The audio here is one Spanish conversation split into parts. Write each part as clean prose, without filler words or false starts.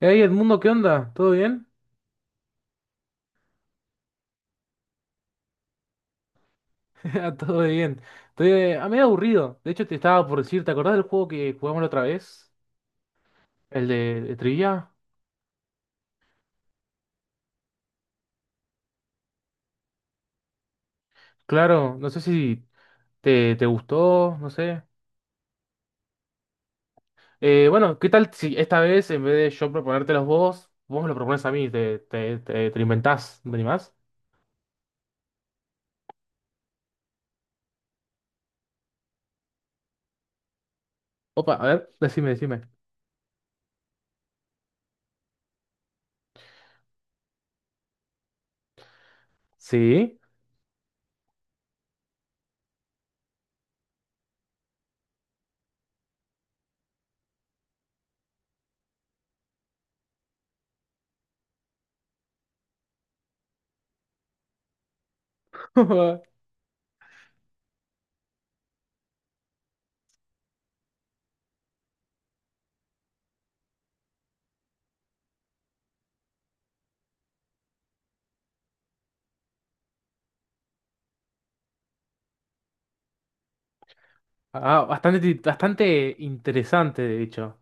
Hey Edmundo, ¿qué onda? ¿Todo bien? Ah, todo bien. Estoy a medio aburrido. De hecho, te estaba por decir, ¿te acordás del juego que jugamos la otra vez? ¿El de trivia? Claro, no sé si te gustó, no sé. Bueno, ¿qué tal si esta vez, en vez de yo proponértelos vos, vos me lo propones a mí? Te lo inventás, ¿no te animás? Opa, a ver, decime, decime. ¿Sí? Ah, bastante, bastante interesante, de hecho.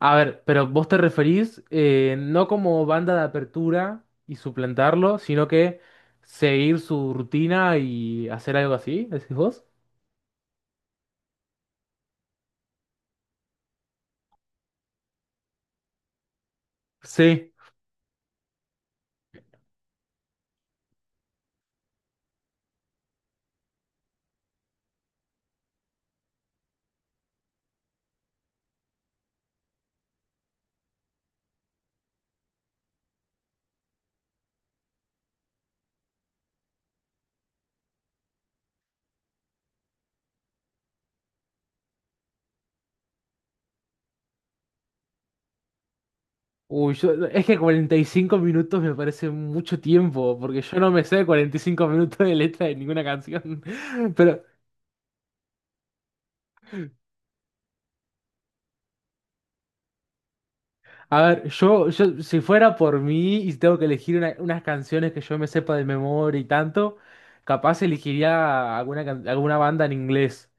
A ver, pero vos te referís no como banda de apertura y suplantarlo, sino que seguir su rutina y hacer algo así, decís vos. Sí. Uy, es que 45 minutos me parece mucho tiempo, porque yo no me sé 45 minutos de letra de ninguna canción. Pero a ver, yo, si fuera por mí y si tengo que elegir unas canciones que yo me sepa de memoria y tanto, capaz elegiría alguna, alguna banda en inglés.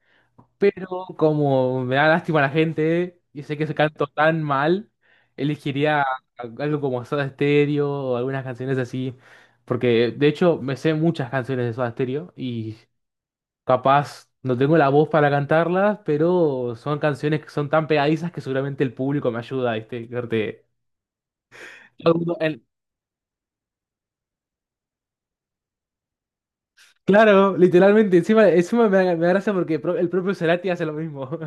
Pero como me da lástima la gente y sé que se canto tan mal, elegiría algo como Soda Stereo o algunas canciones así. Porque de hecho me sé muchas canciones de Soda Stereo y capaz no tengo la voz para cantarlas, pero son canciones que son tan pegadizas que seguramente el público me ayuda, ¿viste? Alguno- el- Claro, literalmente, encima, encima me da gracia porque el propio Cerati hace lo mismo.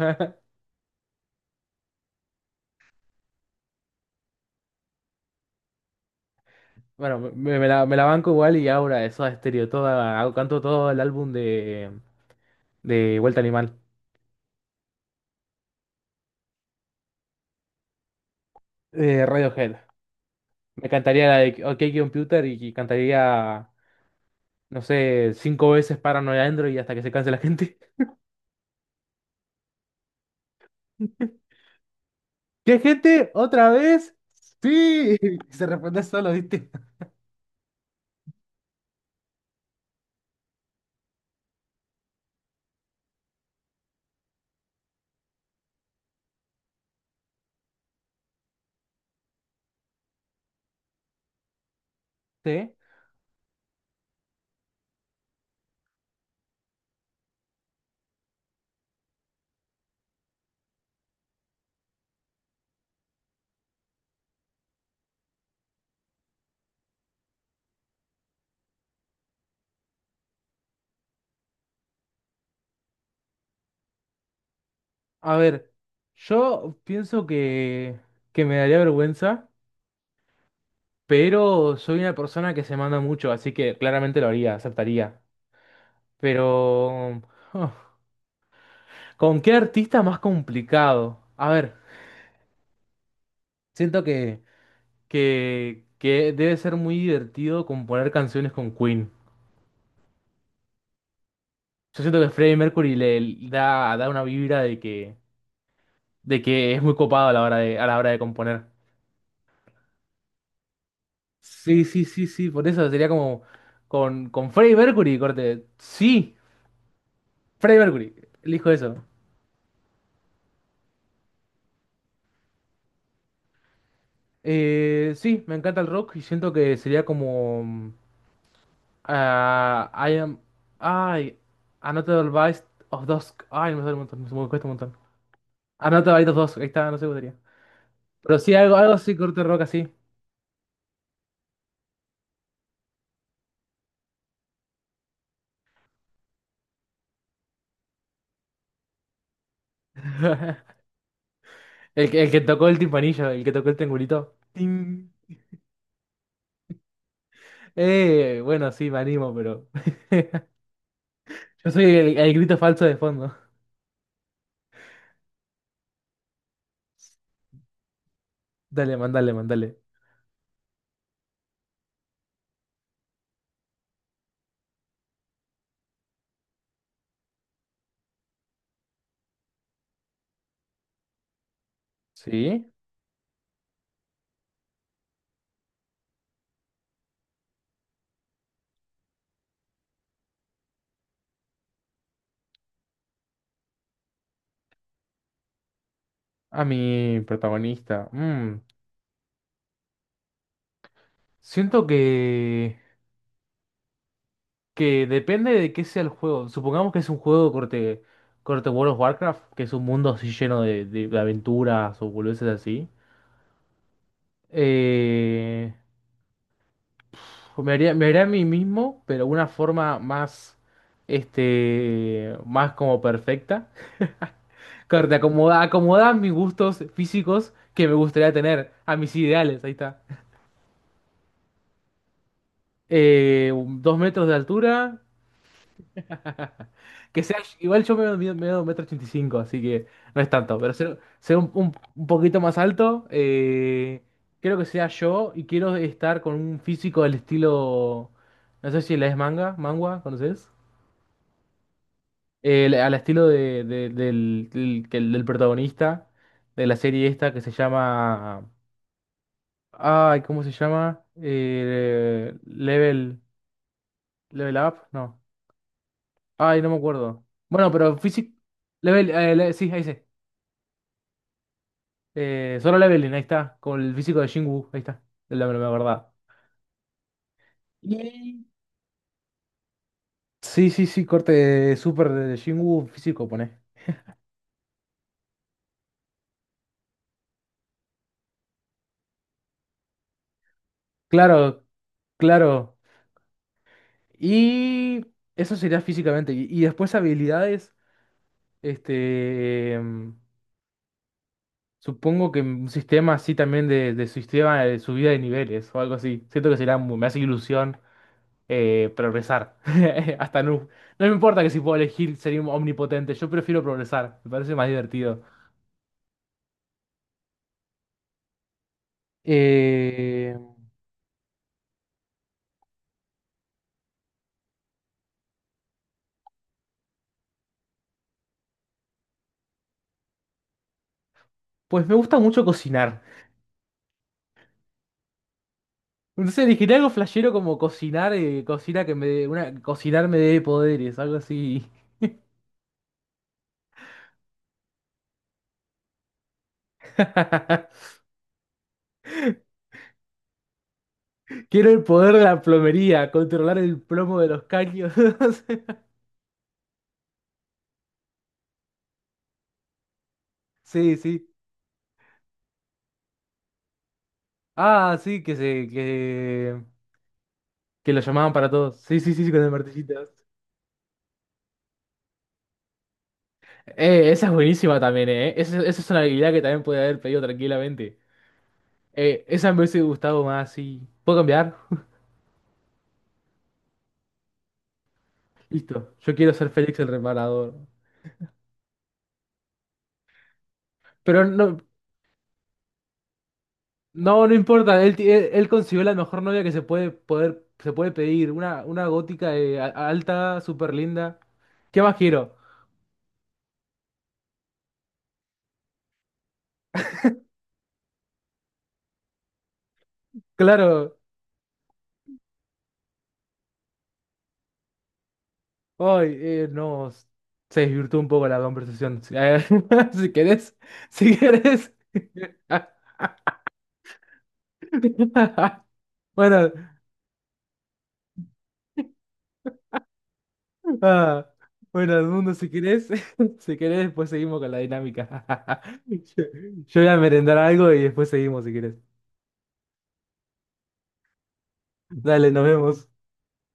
Bueno, me la banco igual y ahora eso a estéreo, toda, canto todo el álbum de Vuelta Animal, de Radiohead. Me cantaría la de OK Computer y cantaría, no sé, 5 veces Paranoid Android hasta que se canse la gente. ¿Qué gente? ¿Otra vez? Sí, se responde solo, ¿viste? Sí. A ver, yo pienso que me daría vergüenza. Pero soy una persona que se manda mucho, así que claramente lo haría, aceptaría. Pero... oh, ¿con qué artista más complicado? A ver, siento que debe ser muy divertido componer canciones con Queen. Yo siento que Freddie Mercury da una vibra de que es muy copado a la hora a la hora de componer. Sí, sí, sí, sí, por eso sería como con Freddie Mercury, corte. Sí, Freddie Mercury, elijo eso. Sí, me encanta el rock y siento que sería como. I am. Ay, Another Bite of Dusk. Ay, me sale un montón, me cuesta un montón. Another Bite of Dusk, ahí está, no sé cómo sería. Pero sí, algo, algo así, corte rock así. El que tocó el timpanillo, el que tocó el triangulito. Ting. Bueno, sí, me animo, pero. Yo soy el grito falso de fondo. Dale, mandale, mandale. ¿Sí? A mi protagonista. Siento que depende de qué sea el juego. Supongamos que es un juego corte, corte World of Warcraft, que es un mundo así lleno de, de aventuras o boludeces así. Eh, me haría a mí mismo, pero una forma más, este, más como perfecta. Corte, acomoda a mis gustos físicos que me gustaría tener, a mis ideales, ahí está. Eh, 2 metros de altura. Que sea, igual yo me mido, mido 1,85 metros, así que no es tanto, pero ser, ser un poquito más alto. Quiero que sea yo y quiero estar con un físico del estilo, no sé si la es manga, mangua, ¿conoces? Al estilo del protagonista de la serie esta que se llama, ay, ¿cómo se llama? Level, Level Up, no, ay, no me acuerdo. Bueno, pero físico, Level, sí, ahí sí. Solo Leveling, ahí está. Con el físico de Jin-Woo, ahí está. Es la, la verdad. Y- Sí, sí, sí, corte súper de Jin-Woo físico, pone. Claro, claro. Y eso sería físicamente. Y después habilidades, este, em, supongo que un sistema así también de sistema de subida de niveles o algo así. Siento que sería, me hace ilusión progresar. Hasta no. No me importa que si puedo elegir ser omnipotente, yo prefiero progresar. Me parece más divertido. Eh, pues me gusta mucho cocinar. Entonces elegiré algo flashero como cocinar, cocina que me dé, una, cocinar me dé poderes, algo así. Quiero el poder de la plomería, controlar el plomo de los caños. Sí, sí. Ah, sí, que lo llamaban para todos. Sí, sí, sí, sí, con el martillito. Esa es buenísima también, eh. Esa es una habilidad que también puede haber pedido tranquilamente. Esa me hubiese gustado más, sí. ¿Puedo cambiar? Listo. Yo quiero ser Félix el reparador. Pero no importa. Él, él consiguió la mejor novia que se puede poder, se puede pedir. Una gótica de alta, súper linda. ¿Qué más quiero? Claro. Hoy no. Se desvirtuó un poco la conversación. Si si querés, si querés. Bueno, ah, bueno, Edmundo, si querés, si querés, después seguimos con la dinámica. Yo yo voy a merendar algo y después seguimos si querés. Dale, nos vemos.